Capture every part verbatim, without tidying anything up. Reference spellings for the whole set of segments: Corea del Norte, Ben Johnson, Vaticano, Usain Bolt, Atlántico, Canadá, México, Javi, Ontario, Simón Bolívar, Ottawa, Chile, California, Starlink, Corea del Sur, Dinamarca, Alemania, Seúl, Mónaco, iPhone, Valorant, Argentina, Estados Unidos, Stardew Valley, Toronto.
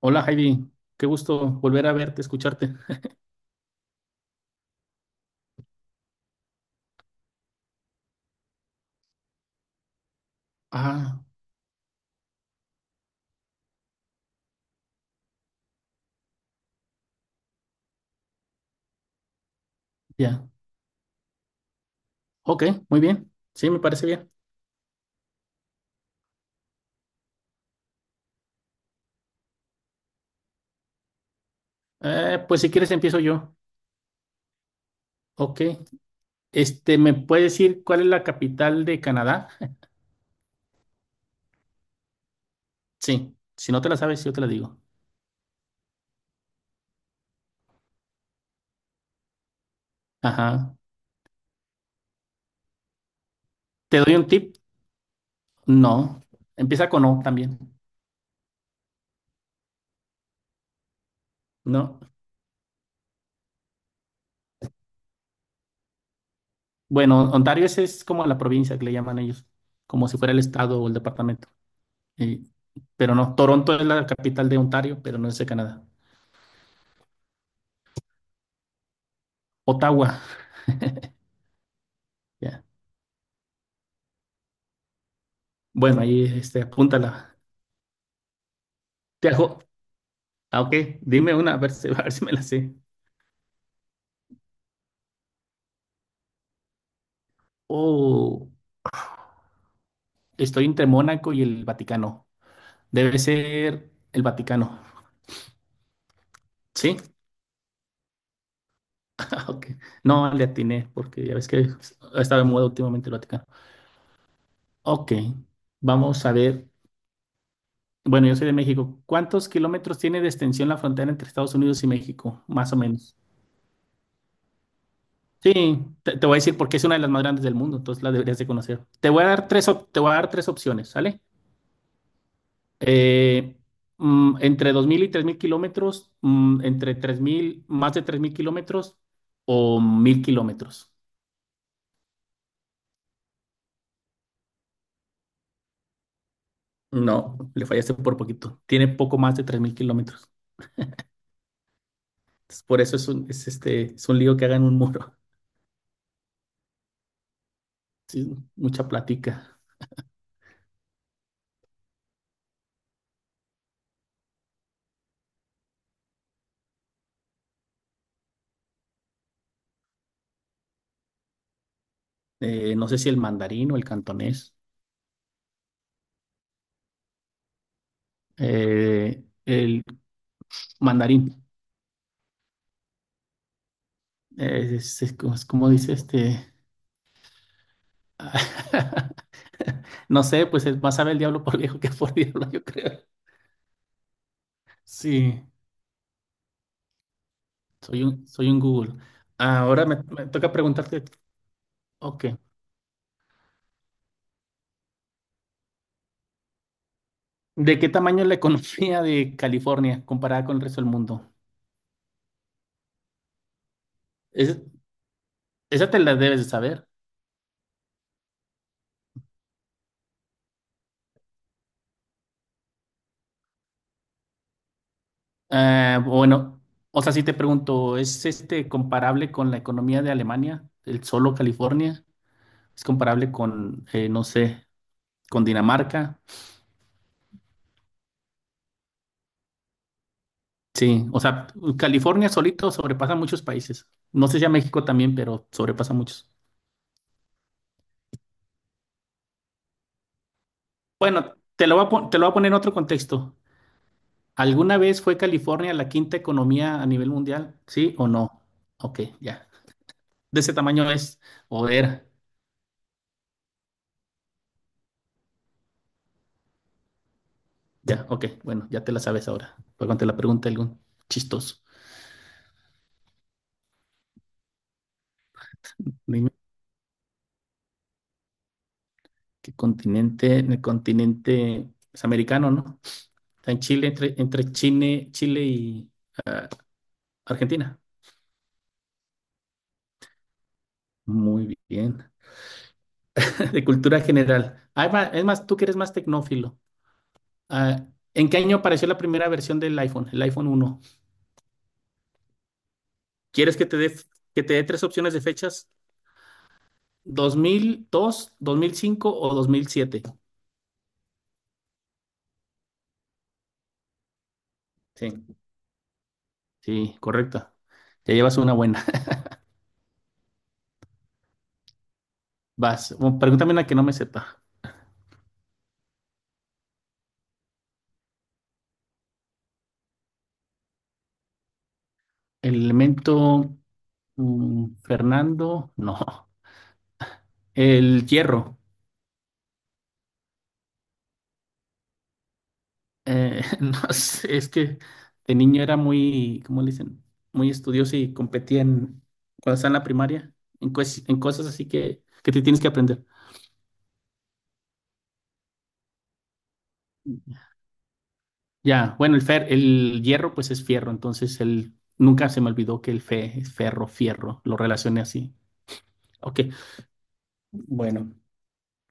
Hola Javi, qué gusto volver a verte, escucharte. Ah, ya. Ok, muy bien. Sí, me parece bien. Eh, pues si quieres empiezo yo. Ok. Este, ¿me puedes decir cuál es la capital de Canadá? Sí. Si no te la sabes, yo te la digo. Ajá. ¿Te doy un tip? No. Empieza con O también. No. Bueno, Ontario es, es como la provincia que le llaman ellos, como si fuera el estado o el departamento. Y- pero no, Toronto es la capital de Ontario, pero no es de Canadá. Ottawa. Ya. Bueno, ahí este, apúntala. Te ajo- Ah, ok, dime una, a ver si, a ver si me la sé. Oh, estoy entre Mónaco y el Vaticano. Debe ser el Vaticano. ¿Sí? Ah, Ok. No, le atiné porque ya ves que ha estado de moda últimamente el Vaticano. Ok, vamos a ver. Bueno, yo soy de México. ¿Cuántos kilómetros tiene de extensión la frontera entre Estados Unidos y México? Más o menos. Sí, te, te voy a decir porque es una de las más grandes del mundo, entonces la deberías de conocer. Te voy a dar tres, op- te voy a dar tres opciones, ¿sale? Eh, mm, Entre dos mil y tres mil kilómetros, mm, entre tres mil más de tres mil kilómetros o mil kilómetros. No, le fallaste por poquito. Tiene poco más de tres mil kilómetros. Entonces, por eso es un, es este, es un lío que hagan un muro. Sí, mucha plática. Eh, no sé si el mandarín o el cantonés. Eh, el mandarín. Eh, es, es como es como dice este. No sé, pues es más sabe el diablo por viejo que por diablo, yo creo. Sí. Soy un, soy un Google. Ahora me, me toca preguntarte, ok, ¿de qué tamaño es la economía de California comparada con el resto del mundo? Es- Esa te la debes de saber. Ah, bueno, o sea, si te pregunto, ¿es este comparable con la economía de Alemania, el solo California? ¿Es comparable con, eh, no sé, con Dinamarca? Sí, o sea, California solito sobrepasa muchos países. No sé si a México también, pero sobrepasa muchos. Bueno, te lo voy a, pon- te lo voy a poner en otro contexto. ¿Alguna vez fue California la quinta economía a nivel mundial? ¿Sí o no? Ok, ya. De ese tamaño es o era. Ya, ok, bueno, ya te la sabes ahora. Pero cuando te la pregunta algún chistoso. Dime qué continente, en el continente es americano, ¿no? Está en Chile, entre, entre Chile, Chile y ah, Argentina. Muy bien. De cultura general. Ah, es más, es más, tú que eres más tecnófilo. Ah, ¿en qué año apareció la primera versión del iPhone, el iPhone uno. ¿Quieres que te dé que te dé tres opciones de fechas? Dos mil dos, dos mil, mil cinco o dos mil siete. Sí, sí, correcta. Ya llevas una buena. Vas, bueno, pregúntame una que no me sepa. El elemento mm, Fernando, no. El hierro. Eh, no sé, es que de niño era muy, ¿cómo le dicen? Muy estudioso y competía en, cuando estaba en la primaria, en, cues- en cosas así que, que te tienes que aprender. Ya, bueno, el fer, el hierro pues es fierro, entonces él nunca se me olvidó que el fe es ferro, fierro, lo relacioné así. Ok, bueno,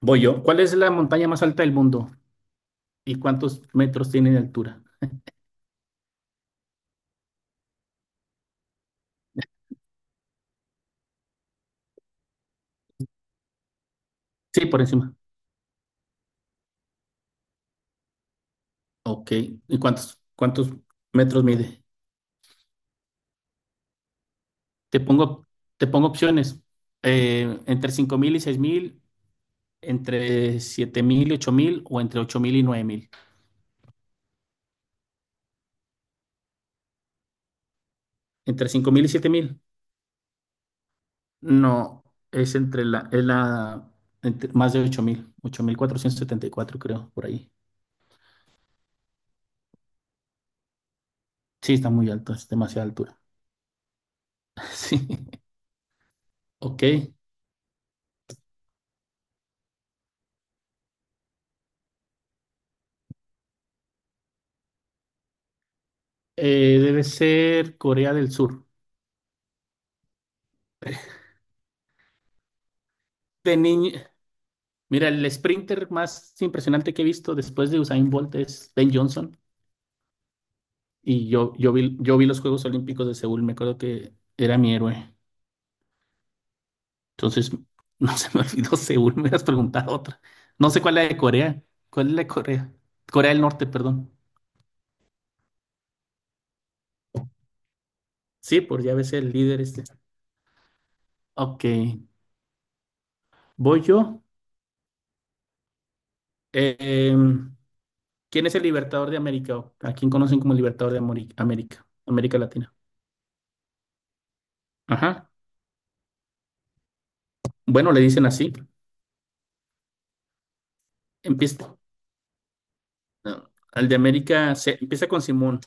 voy yo. ¿Cuál es la montaña más alta del mundo y cuántos metros tiene de altura? Sí, por encima. Ok, ¿y cuántos, cuántos metros mide? Te pongo, te pongo opciones. Eh, entre cinco mil y seis mil, entre siete mil y ocho mil o entre ocho mil y nueve mil. Entre cinco mil y siete mil. No, es entre la, es la entre- más de ocho ocho mil ocho mil cuatrocientos setenta y cuatro, creo, por ahí. Sí, está muy alto, es demasiada altura. Sí, ok. Eh, debe ser Corea del Sur. De niño mira, el sprinter más impresionante que he visto después de Usain Bolt es Ben Johnson. Y yo, yo vi, yo vi los Juegos Olímpicos de Seúl, me acuerdo que era mi héroe. Entonces, no se me olvidó Seúl, me hubieras preguntado otra. No sé cuál es la de Corea. ¿Cuál es la de Corea? Corea del Norte, perdón. Sí, por ya ves el líder este. Ok, voy yo. Eh, em, ¿Quién es el libertador de América? o ¿A quién conocen como el libertador de Ameri- América? América Latina. Ajá. Bueno, le dicen así. Empieza. El de América se empieza con Simón.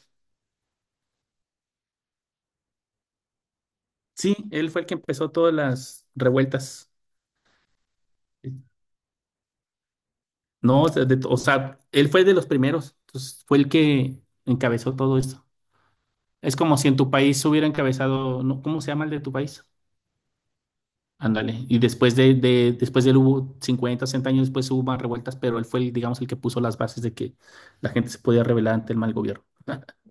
Sí, él fue el que empezó todas las revueltas. No, o sea, de- o sea, él fue de los primeros. Entonces, fue el que encabezó todo esto. Es como si en tu país hubiera encabezado, ¿no? ¿Cómo se llama el de tu país? Ándale. Y después de, de- después de él hubo cincuenta sesenta años después hubo más revueltas, pero él fue, el, digamos, el que puso las bases de que la gente se podía rebelar ante el mal gobierno.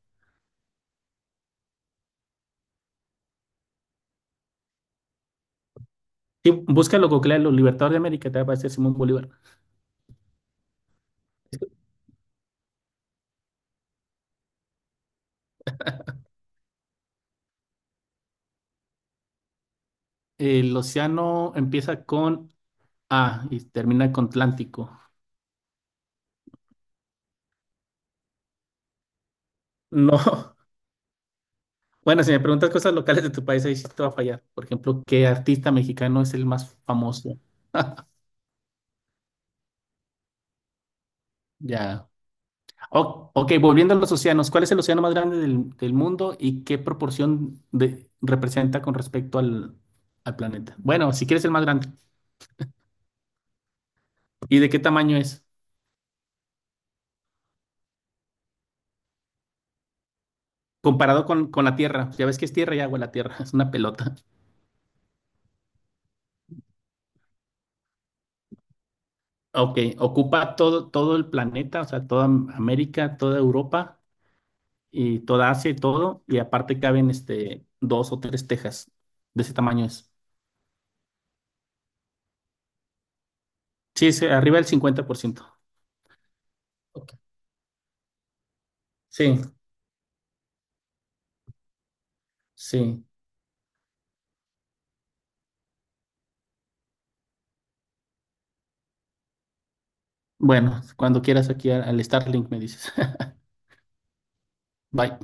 Sí, búscalo, googlea, los libertadores de América, te va a aparecer Simón Bolívar. El océano empieza con A y termina con Atlántico. No. Bueno, si me preguntas cosas locales de tu país, ahí sí te va a fallar. Por ejemplo, ¿qué artista mexicano es el más famoso? Ya. O- ok, volviendo a los océanos, ¿cuál es el océano más grande del, del mundo y qué proporción de, representa con respecto al, al planeta? Bueno, si quieres el más grande. ¿Y de qué tamaño es? Comparado con, con la Tierra. Ya ves que es tierra y agua la Tierra, es una pelota. Ok, ocupa todo, todo el planeta, o sea, toda América, toda Europa y toda Asia y todo. Y aparte caben este, dos o tres Texas. De ese tamaño es. Sí, es arriba del cincuenta por ciento. Ok. Sí, sí. Bueno, cuando quieras aquí al al Starlink me dices. Bye.